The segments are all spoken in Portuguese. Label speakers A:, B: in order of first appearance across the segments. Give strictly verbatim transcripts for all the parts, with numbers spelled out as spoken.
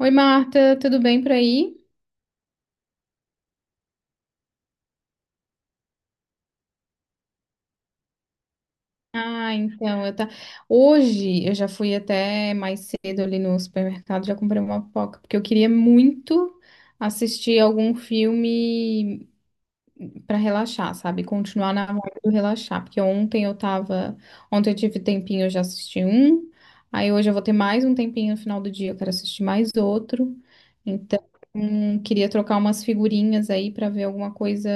A: Oi, Marta, tudo bem por aí? Ah, então, eu tá. Hoje eu já fui até mais cedo ali no supermercado, já comprei uma pipoca, porque eu queria muito assistir algum filme pra relaxar, sabe? Continuar na vibe do relaxar, porque ontem eu tava, ontem eu tive tempinho, eu já assisti um, aí hoje eu vou ter mais um tempinho no final do dia, eu quero assistir mais outro. Então, hum, queria trocar umas figurinhas aí pra ver alguma coisa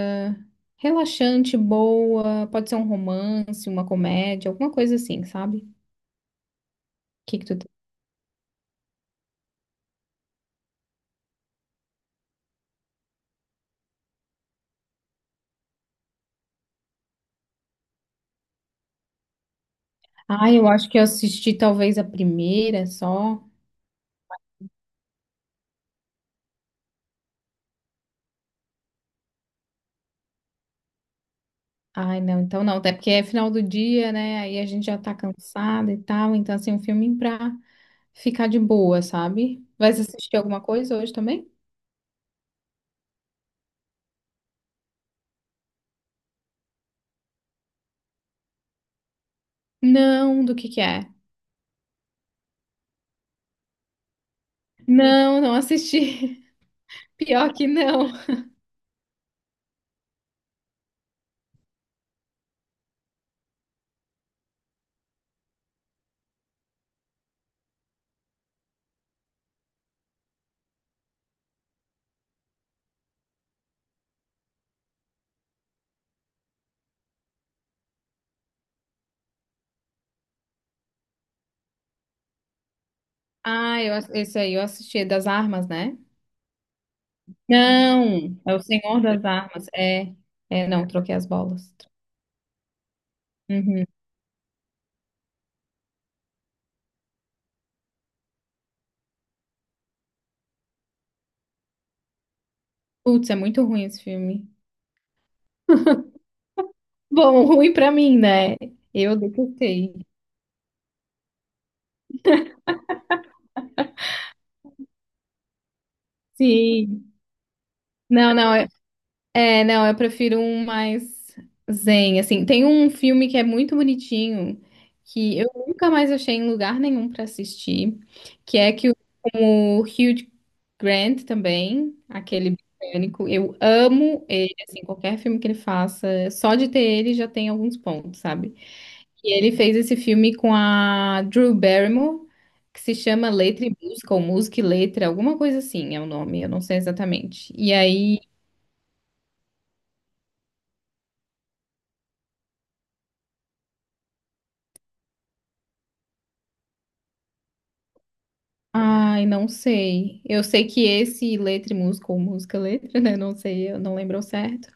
A: relaxante, boa, pode ser um romance, uma comédia, alguma coisa assim, sabe? O que que tu tem? Ah, eu acho que eu assisti talvez a primeira só. Ai, não, então não, até porque é final do dia, né? Aí a gente já tá cansada e tal, então assim, um filme pra ficar de boa, sabe? Vai assistir alguma coisa hoje também? Não, do que que é? Não, não assisti. Pior que não. Ah, eu, ass- esse aí eu assisti, é das armas, né? Não, é o Senhor das Armas. É, é, não, troquei as bolas. Uhum. Putz, é muito ruim esse filme. Bom, ruim pra mim, né? Eu detestei. Sim. Não, não. É, não, eu prefiro um mais zen, assim. Tem um filme que é muito bonitinho, que eu nunca mais achei em lugar nenhum pra assistir, que é que o, com o Hugh Grant também, aquele britânico, eu amo ele, assim, qualquer filme que ele faça, só de ter ele já tem alguns pontos, sabe? E ele fez esse filme com a Drew Barrymore, que se chama Letra e Música, ou Música e Letra, alguma coisa assim é o nome, eu não sei exatamente. E aí... Ai, não sei. Eu sei que esse letra e música, ou música e letra, né? Não sei, eu não lembro ao certo.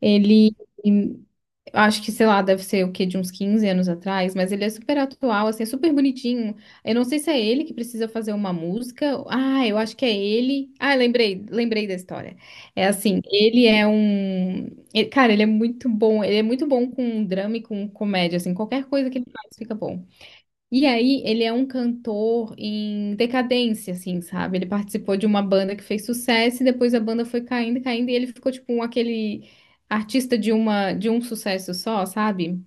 A: Ele, em- acho que, sei lá, deve ser o quê, de uns quinze anos atrás, mas ele é super atual, assim, é super bonitinho. Eu não sei se é ele que precisa fazer uma música. Ah, eu acho que é ele. Ah, lembrei, lembrei da história. É assim, ele é um. Ele- cara, ele é muito bom. Ele é muito bom com drama e com comédia, assim, qualquer coisa que ele faz fica bom. E aí, ele é um cantor em decadência, assim, sabe? Ele participou de uma banda que fez sucesso e depois a banda foi caindo, caindo e ele ficou tipo um, aquele artista de uma de um sucesso só, sabe?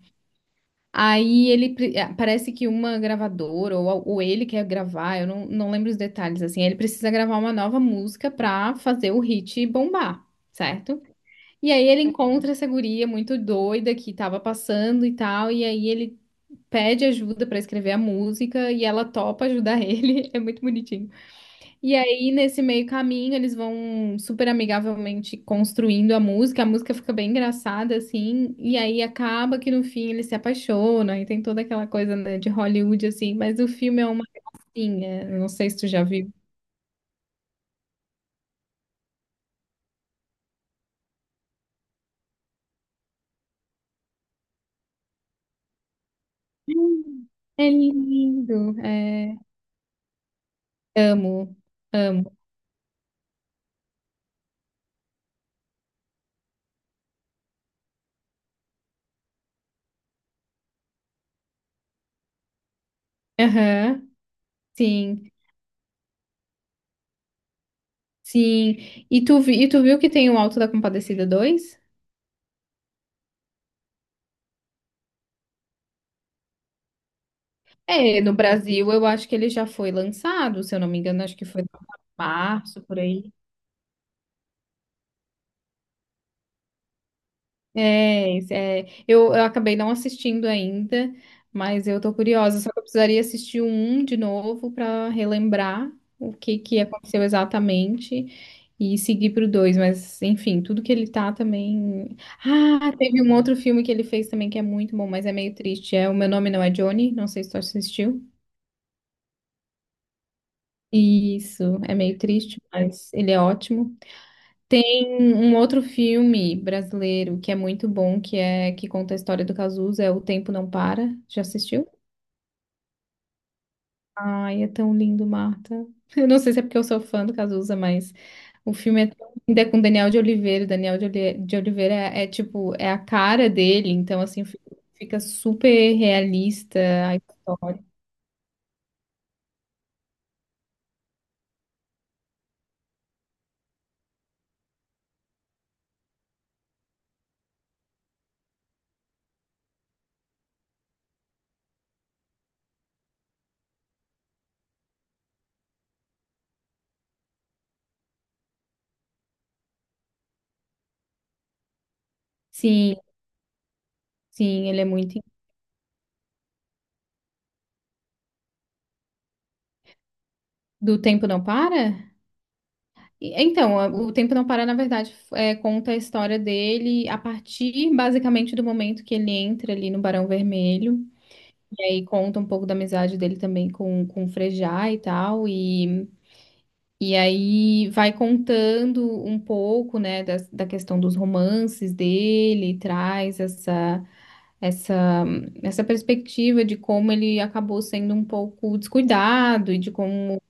A: Aí ele pre- eh, parece que uma gravadora ou, a- ou ele quer gravar, eu não, não lembro os detalhes assim. Ele precisa gravar uma nova música pra fazer o hit bombar, certo? E aí ele encontra essa guria muito doida que tava passando e tal, e aí ele pede ajuda pra escrever a música e ela topa ajudar ele. É muito bonitinho. E aí, nesse meio caminho, eles vão super amigavelmente construindo a música. A música fica bem engraçada, assim. E aí acaba que no fim ele se apaixona e tem toda aquela coisa, né, de Hollywood, assim. Mas o filme é uma gracinha. Eu não sei se tu já viu. Hum. É lindo. É, amo, amo. Aham, sim, sim. E tu, vi- e tu viu que tem o Alto da Compadecida dois? É, no Brasil eu acho que ele já foi lançado, se eu não me engano, acho que foi em março, por aí. É, esse- é, eu, eu acabei não assistindo ainda, mas eu tô curiosa, só que eu precisaria assistir um de novo para relembrar o que que aconteceu exatamente e seguir pro dois, mas enfim, tudo que ele tá também. Ah, teve um outro filme que ele fez também que é muito bom, mas é meio triste. É O Meu Nome Não É Johnny, não sei se tu assistiu. Isso, é meio triste, mas ele é ótimo. Tem um outro filme brasileiro que é muito bom, que é que conta a história do Cazuza, é O Tempo Não Para. Já assistiu? Ai, é tão lindo, Marta. Eu não sei se é porque eu sou fã do Cazuza, mas o filme é tão lindo, é com Daniel de Oliveira. Daniel de, Oli- de Oliveira é, é, tipo, é a cara dele, então assim fi- fica super realista a história. Sim, sim, ele é muito. Do Tempo Não Para? E- Então, a- o Tempo Não Para, na verdade, f- é, conta a história dele a partir, basicamente, do momento que ele entra ali no Barão Vermelho. E aí conta um pouco da amizade dele também com, com o Frejá e tal. E, e aí vai contando um pouco, né, das- da questão dos romances dele, traz essa, essa, essa perspectiva de como ele acabou sendo um pouco descuidado e de como,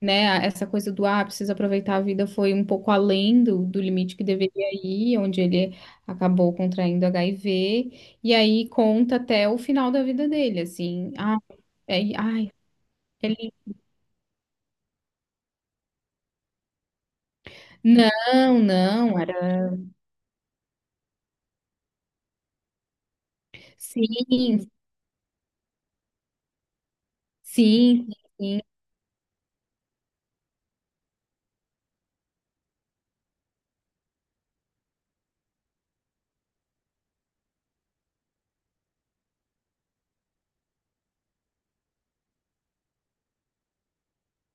A: né? Essa coisa do ah, precisa aproveitar a vida foi um pouco além do, do limite que deveria ir, onde ele acabou contraindo H I V, e aí conta até o final da vida dele, assim, ah, é, ai, ele... Não, não, era sim, sim, sim,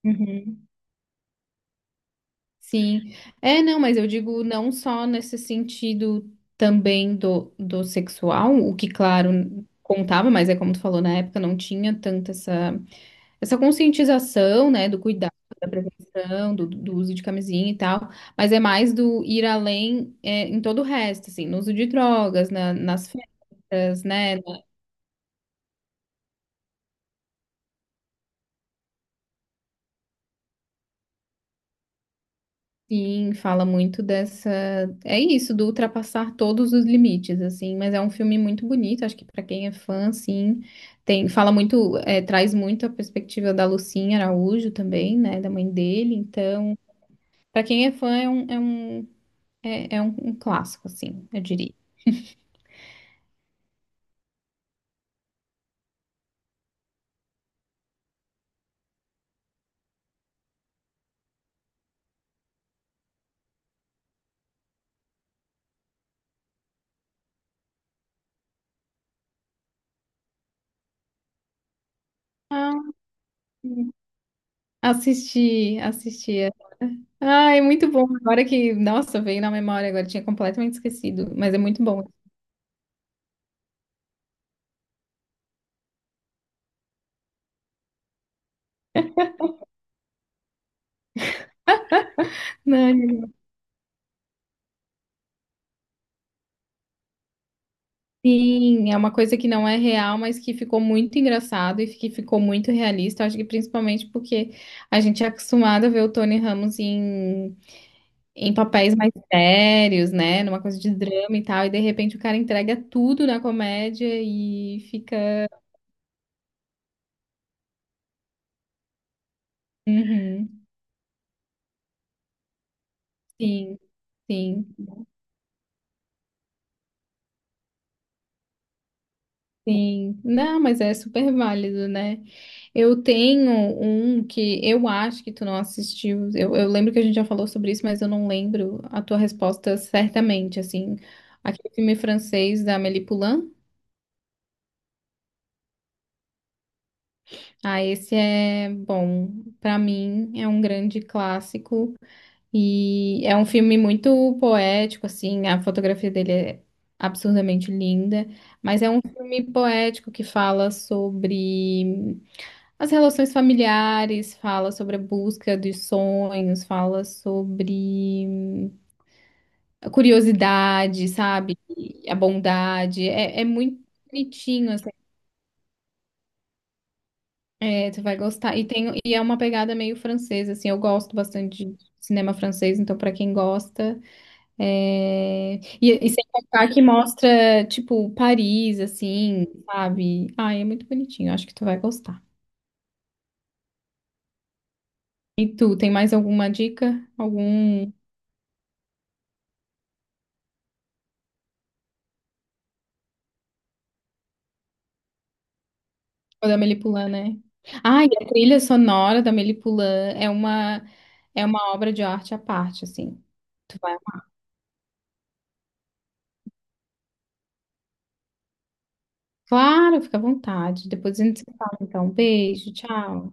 A: uhum, sim. É, não, mas eu digo não só nesse sentido também do, do sexual, o que, claro, contava, mas é como tu falou, na época não tinha tanta essa, essa conscientização, né, do cuidado, da prevenção, do, do uso de camisinha e tal, mas é mais do ir além, é, em todo o resto, assim, no uso de drogas, na- nas festas, né, na... sim, fala muito dessa, é isso, do ultrapassar todos os limites, assim, mas é um filme muito bonito, acho que pra quem é fã, assim, tem, fala muito, é, traz muito a perspectiva da Lucinha Araújo também, né, da mãe dele, então, pra quem é fã, é um, é um, é é um um clássico, assim, eu diria. Assisti, assisti. Ai, muito bom. Agora que, nossa, veio na memória, agora tinha completamente esquecido, mas é muito bom. Não, sim, é uma coisa que não é real, mas que ficou muito engraçado e que ficou muito realista. Acho que principalmente porque a gente é acostumado a ver o Tony Ramos em, em papéis mais sérios, né? Numa coisa de drama e tal, e de repente o cara entrega tudo na comédia e fica. Uhum, sim, sim. Sim, não, mas é super válido, né? Eu tenho um que eu acho que tu não assistiu. Eu, eu lembro que a gente já falou sobre isso, mas eu não lembro a tua resposta certamente, assim. Aquele filme francês da Amélie Poulain. Ah, esse é bom. Pra mim, é um grande clássico. E é um filme muito poético, assim. A fotografia dele é absurdamente linda. Mas é um filme poético que fala sobre as relações familiares, fala sobre a busca dos sonhos, fala sobre a curiosidade, sabe? A bondade. É, é muito bonitinho, assim. É, tu vai gostar. E, tem, e é uma pegada meio francesa, assim. Eu gosto bastante de cinema francês, então pra quem gosta. É, E, e sem contar que mostra, tipo, Paris, assim, sabe? Ai, é muito bonitinho. Acho que tu vai gostar. E tu, tem mais alguma dica? Algum... O da Melipulã, né? Ah, e a trilha sonora da Melipulã é uma, é uma obra de arte à parte, assim. Tu vai, claro, fica à vontade. Depois a gente se fala, então. Um beijo, tchau.